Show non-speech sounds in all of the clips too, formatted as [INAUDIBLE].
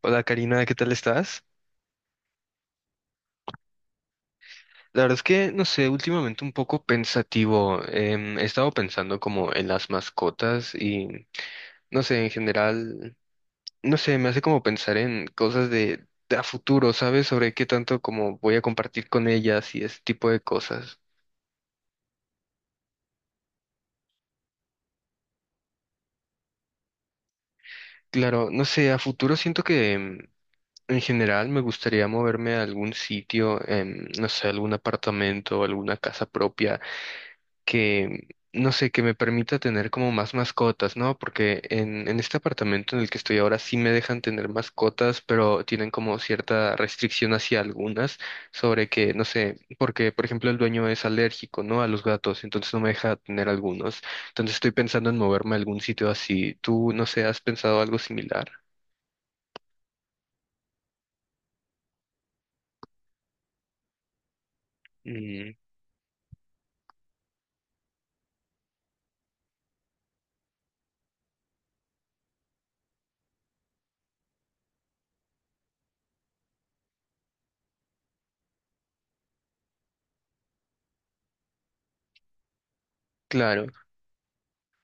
Hola Karina, ¿qué tal estás? La verdad es que, no sé, últimamente un poco pensativo. He estado pensando como en las mascotas y, no sé, en general, no sé, me hace como pensar en cosas de a futuro, ¿sabes? Sobre qué tanto como voy a compartir con ellas y ese tipo de cosas. Claro, no sé, a futuro siento que en general me gustaría moverme a algún sitio, no sé, algún apartamento, alguna casa propia que, no sé, que me permita tener como más mascotas, ¿no? Porque en este apartamento en el que estoy ahora sí me dejan tener mascotas, pero tienen como cierta restricción hacia algunas sobre que, no sé, porque, por ejemplo, el dueño es alérgico, ¿no? A los gatos, entonces no me deja tener algunos. Entonces estoy pensando en moverme a algún sitio así. ¿Tú, no sé, has pensado algo similar? Mm, claro.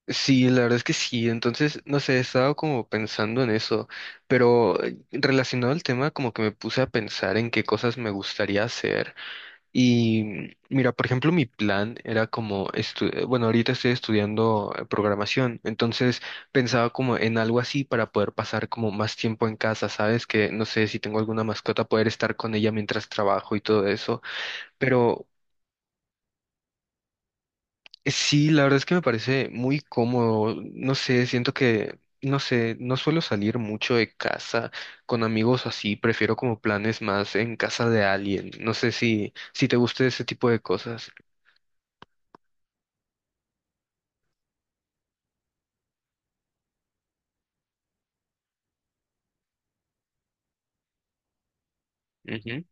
Sí, la verdad es que sí. Entonces, no sé, he estado como pensando en eso, pero relacionado al tema, como que me puse a pensar en qué cosas me gustaría hacer. Y mira, por ejemplo, mi plan era como, bueno, ahorita estoy estudiando programación, entonces pensaba como en algo así para poder pasar como más tiempo en casa, ¿sabes? Que no sé si tengo alguna mascota, poder estar con ella mientras trabajo y todo eso. Pero sí, la verdad es que me parece muy cómodo. No sé, siento que, no sé, no suelo salir mucho de casa con amigos así. Prefiero como planes más en casa de alguien. No sé si te gusta ese tipo de cosas. Ujú.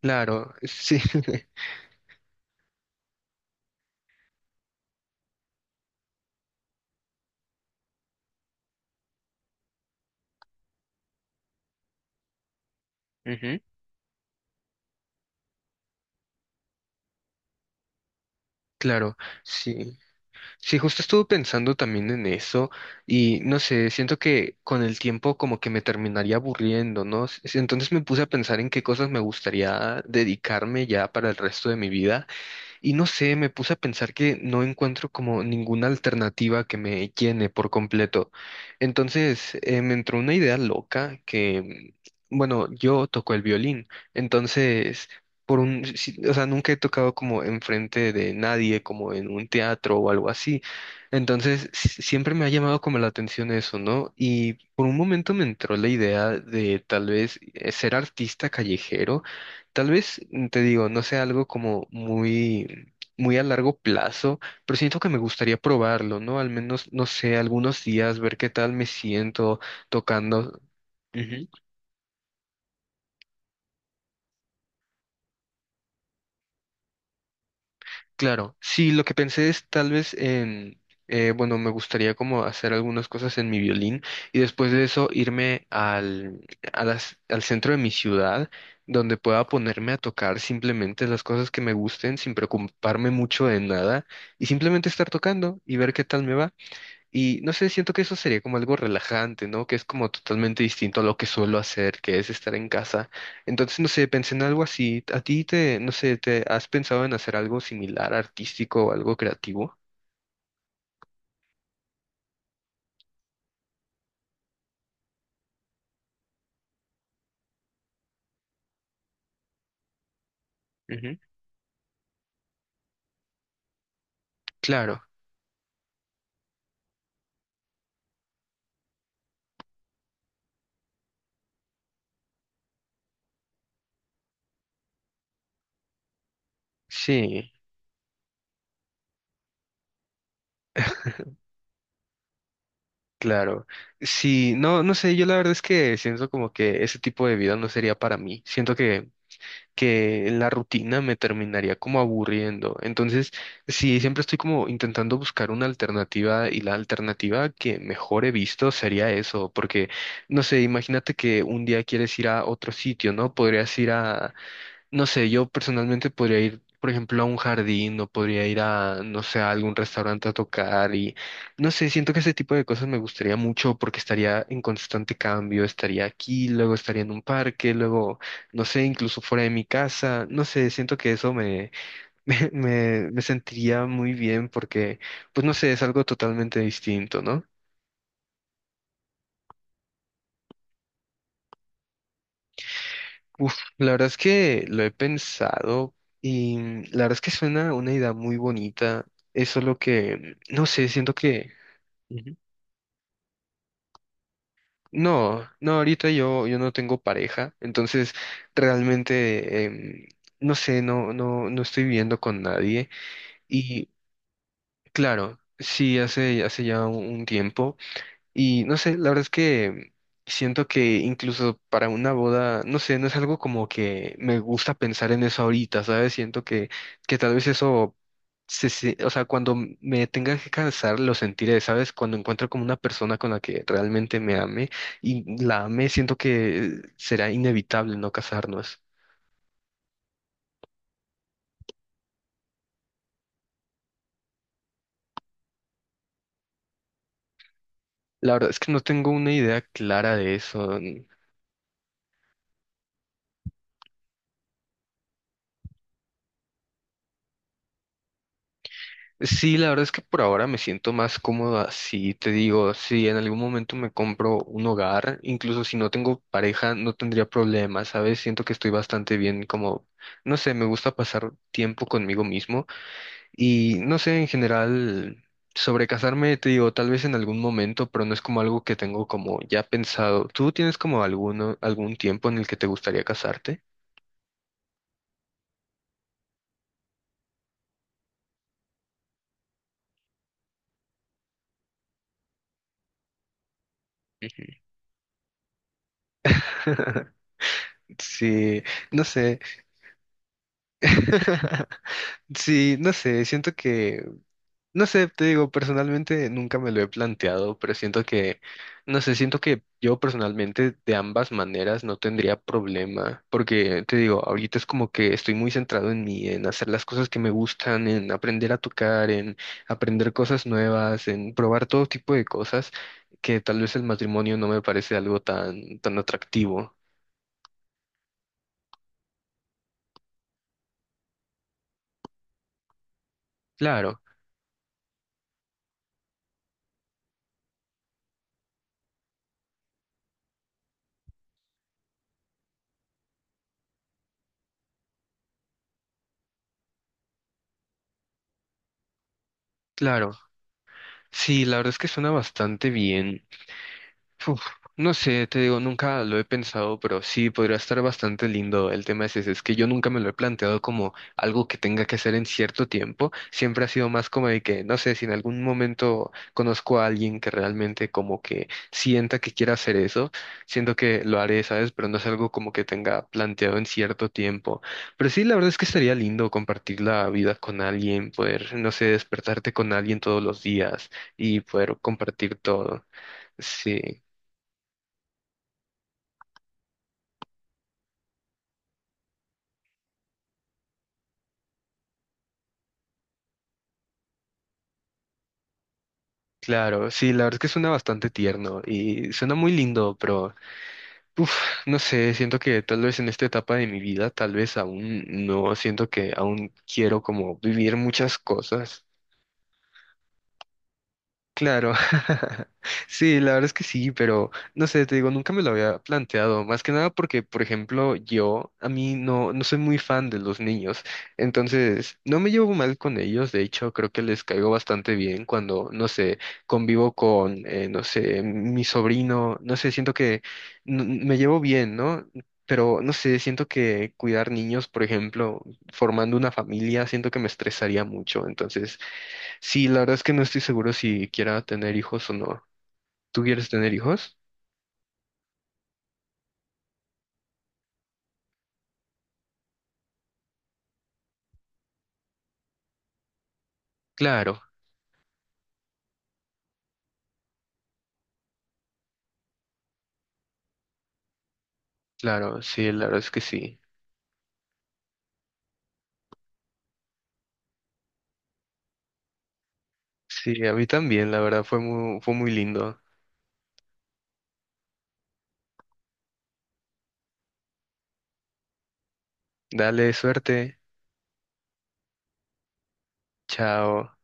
Claro, sí. [LAUGHS] Ujú, claro, sí. Sí, justo estuve pensando también en eso y no sé, siento que con el tiempo como que me terminaría aburriendo, ¿no? Entonces me puse a pensar en qué cosas me gustaría dedicarme ya para el resto de mi vida. Y no sé, me puse a pensar que no encuentro como ninguna alternativa que me llene por completo. Entonces, me entró una idea loca que, bueno, yo toco el violín, entonces, por un, si- o sea, nunca he tocado como enfrente de nadie, como en un teatro o algo así. Entonces, siempre me ha llamado como la atención eso, ¿no? Y por un momento me entró la idea de tal vez ser artista callejero. Tal vez, te digo, no sea algo como muy muy a largo plazo, pero siento que me gustaría probarlo, ¿no? Al menos, no sé, algunos días, ver qué tal me siento tocando. Ujú. Claro, sí, lo que pensé es tal vez en, bueno, me gustaría como hacer algunas cosas en mi violín y después de eso a al centro de mi ciudad, donde pueda ponerme a tocar simplemente las cosas que me gusten sin preocuparme mucho de nada y simplemente estar tocando y ver qué tal me va. Y no sé, siento que eso sería como algo relajante, ¿no? Que es como totalmente distinto a lo que suelo hacer, que es estar en casa. Entonces, no sé, pensé en algo así. ¿A ti te, no sé, te has pensado en hacer algo similar, artístico o algo creativo? Ujú. Claro, sí, claro. Sí, no, no sé, yo la verdad es que siento como que ese tipo de vida no sería para mí. Siento que la rutina me terminaría como aburriendo. Entonces, sí, siempre estoy como intentando buscar una alternativa y la alternativa que mejor he visto sería eso, porque, no sé, imagínate que un día quieres ir a otro sitio, ¿no? Podrías ir a no sé, yo personalmente podría ir, por ejemplo, a un jardín o podría ir a, no sé, a algún restaurante a tocar y, no sé, siento que ese tipo de cosas me gustaría mucho porque estaría en constante cambio, estaría aquí, luego estaría en un parque, luego, no sé, incluso fuera de mi casa, no sé, siento que eso [LAUGHS] me sentiría muy bien porque, pues no sé, es algo totalmente distinto, ¿no? Uf, la verdad es que lo he pensado y la verdad es que suena una idea muy bonita. Eso es lo que, no sé, siento que... Ujú. No, no, ahorita yo no tengo pareja, entonces realmente, no sé, no estoy viviendo con nadie. Y claro, sí, hace ya un tiempo. Y no sé, la verdad es que siento que incluso para una boda, no sé, no es algo como que me gusta pensar en eso ahorita, ¿sabes? Siento que tal vez eso, o sea, cuando me tenga que casar, lo sentiré, ¿sabes? Cuando encuentro como una persona con la que realmente me ame y la ame, siento que será inevitable no casarnos. La verdad es que no tengo una idea clara de eso. Sí, la verdad es que por ahora me siento más cómoda. Si te digo, si en algún momento me compro un hogar, incluso si no tengo pareja, no tendría problemas, ¿sabes? Siento que estoy bastante bien, como, no sé, me gusta pasar tiempo conmigo mismo y no sé, en general, sobre casarme, te digo, tal vez en algún momento, pero no es como algo que tengo como ya pensado. ¿Tú tienes como algún tiempo en el que te gustaría casarte? [LAUGHS] Sí, no sé. [LAUGHS] Sí, no sé, siento que no sé, te digo, personalmente nunca me lo he planteado, pero siento que, no sé, siento que yo personalmente de ambas maneras no tendría problema, porque te digo, ahorita es como que estoy muy centrado en mí, en hacer las cosas que me gustan, en aprender a tocar, en aprender cosas nuevas, en probar todo tipo de cosas que tal vez el matrimonio no me parece algo tan, tan atractivo. Claro, claro. Sí, la verdad es que suena bastante bien. Uf, no sé, te digo, nunca lo he pensado, pero sí podría estar bastante lindo. El tema es ese, es que yo nunca me lo he planteado como algo que tenga que hacer en cierto tiempo. Siempre ha sido más como de que, no sé, si en algún momento conozco a alguien que realmente como que sienta que quiera hacer eso, siento que lo haré, ¿sabes? Pero no es algo como que tenga planteado en cierto tiempo. Pero sí, la verdad es que estaría lindo compartir la vida con alguien, poder, no sé, despertarte con alguien todos los días y poder compartir todo. Sí. Claro, sí, la verdad es que suena bastante tierno y suena muy lindo, pero uf, no sé, siento que tal vez en esta etapa de mi vida, tal vez aún no siento que aún quiero como vivir muchas cosas. Claro, [LAUGHS] sí, la verdad es que sí, pero no sé, te digo, nunca me lo había planteado, más que nada porque, por ejemplo, a mí no soy muy fan de los niños, entonces no me llevo mal con ellos, de hecho, creo que les caigo bastante bien cuando, no sé, convivo con, no sé, mi sobrino, no sé, siento que me llevo bien, ¿no? Pero, no sé, siento que cuidar niños, por ejemplo, formando una familia, siento que me estresaría mucho, entonces... Sí, la verdad es que no estoy seguro si quiera tener hijos o no. ¿Tú quieres tener hijos? Claro, claro, sí, la verdad es que sí. Sí, a mí también, la verdad fue muy lindo. Dale, suerte. Chao.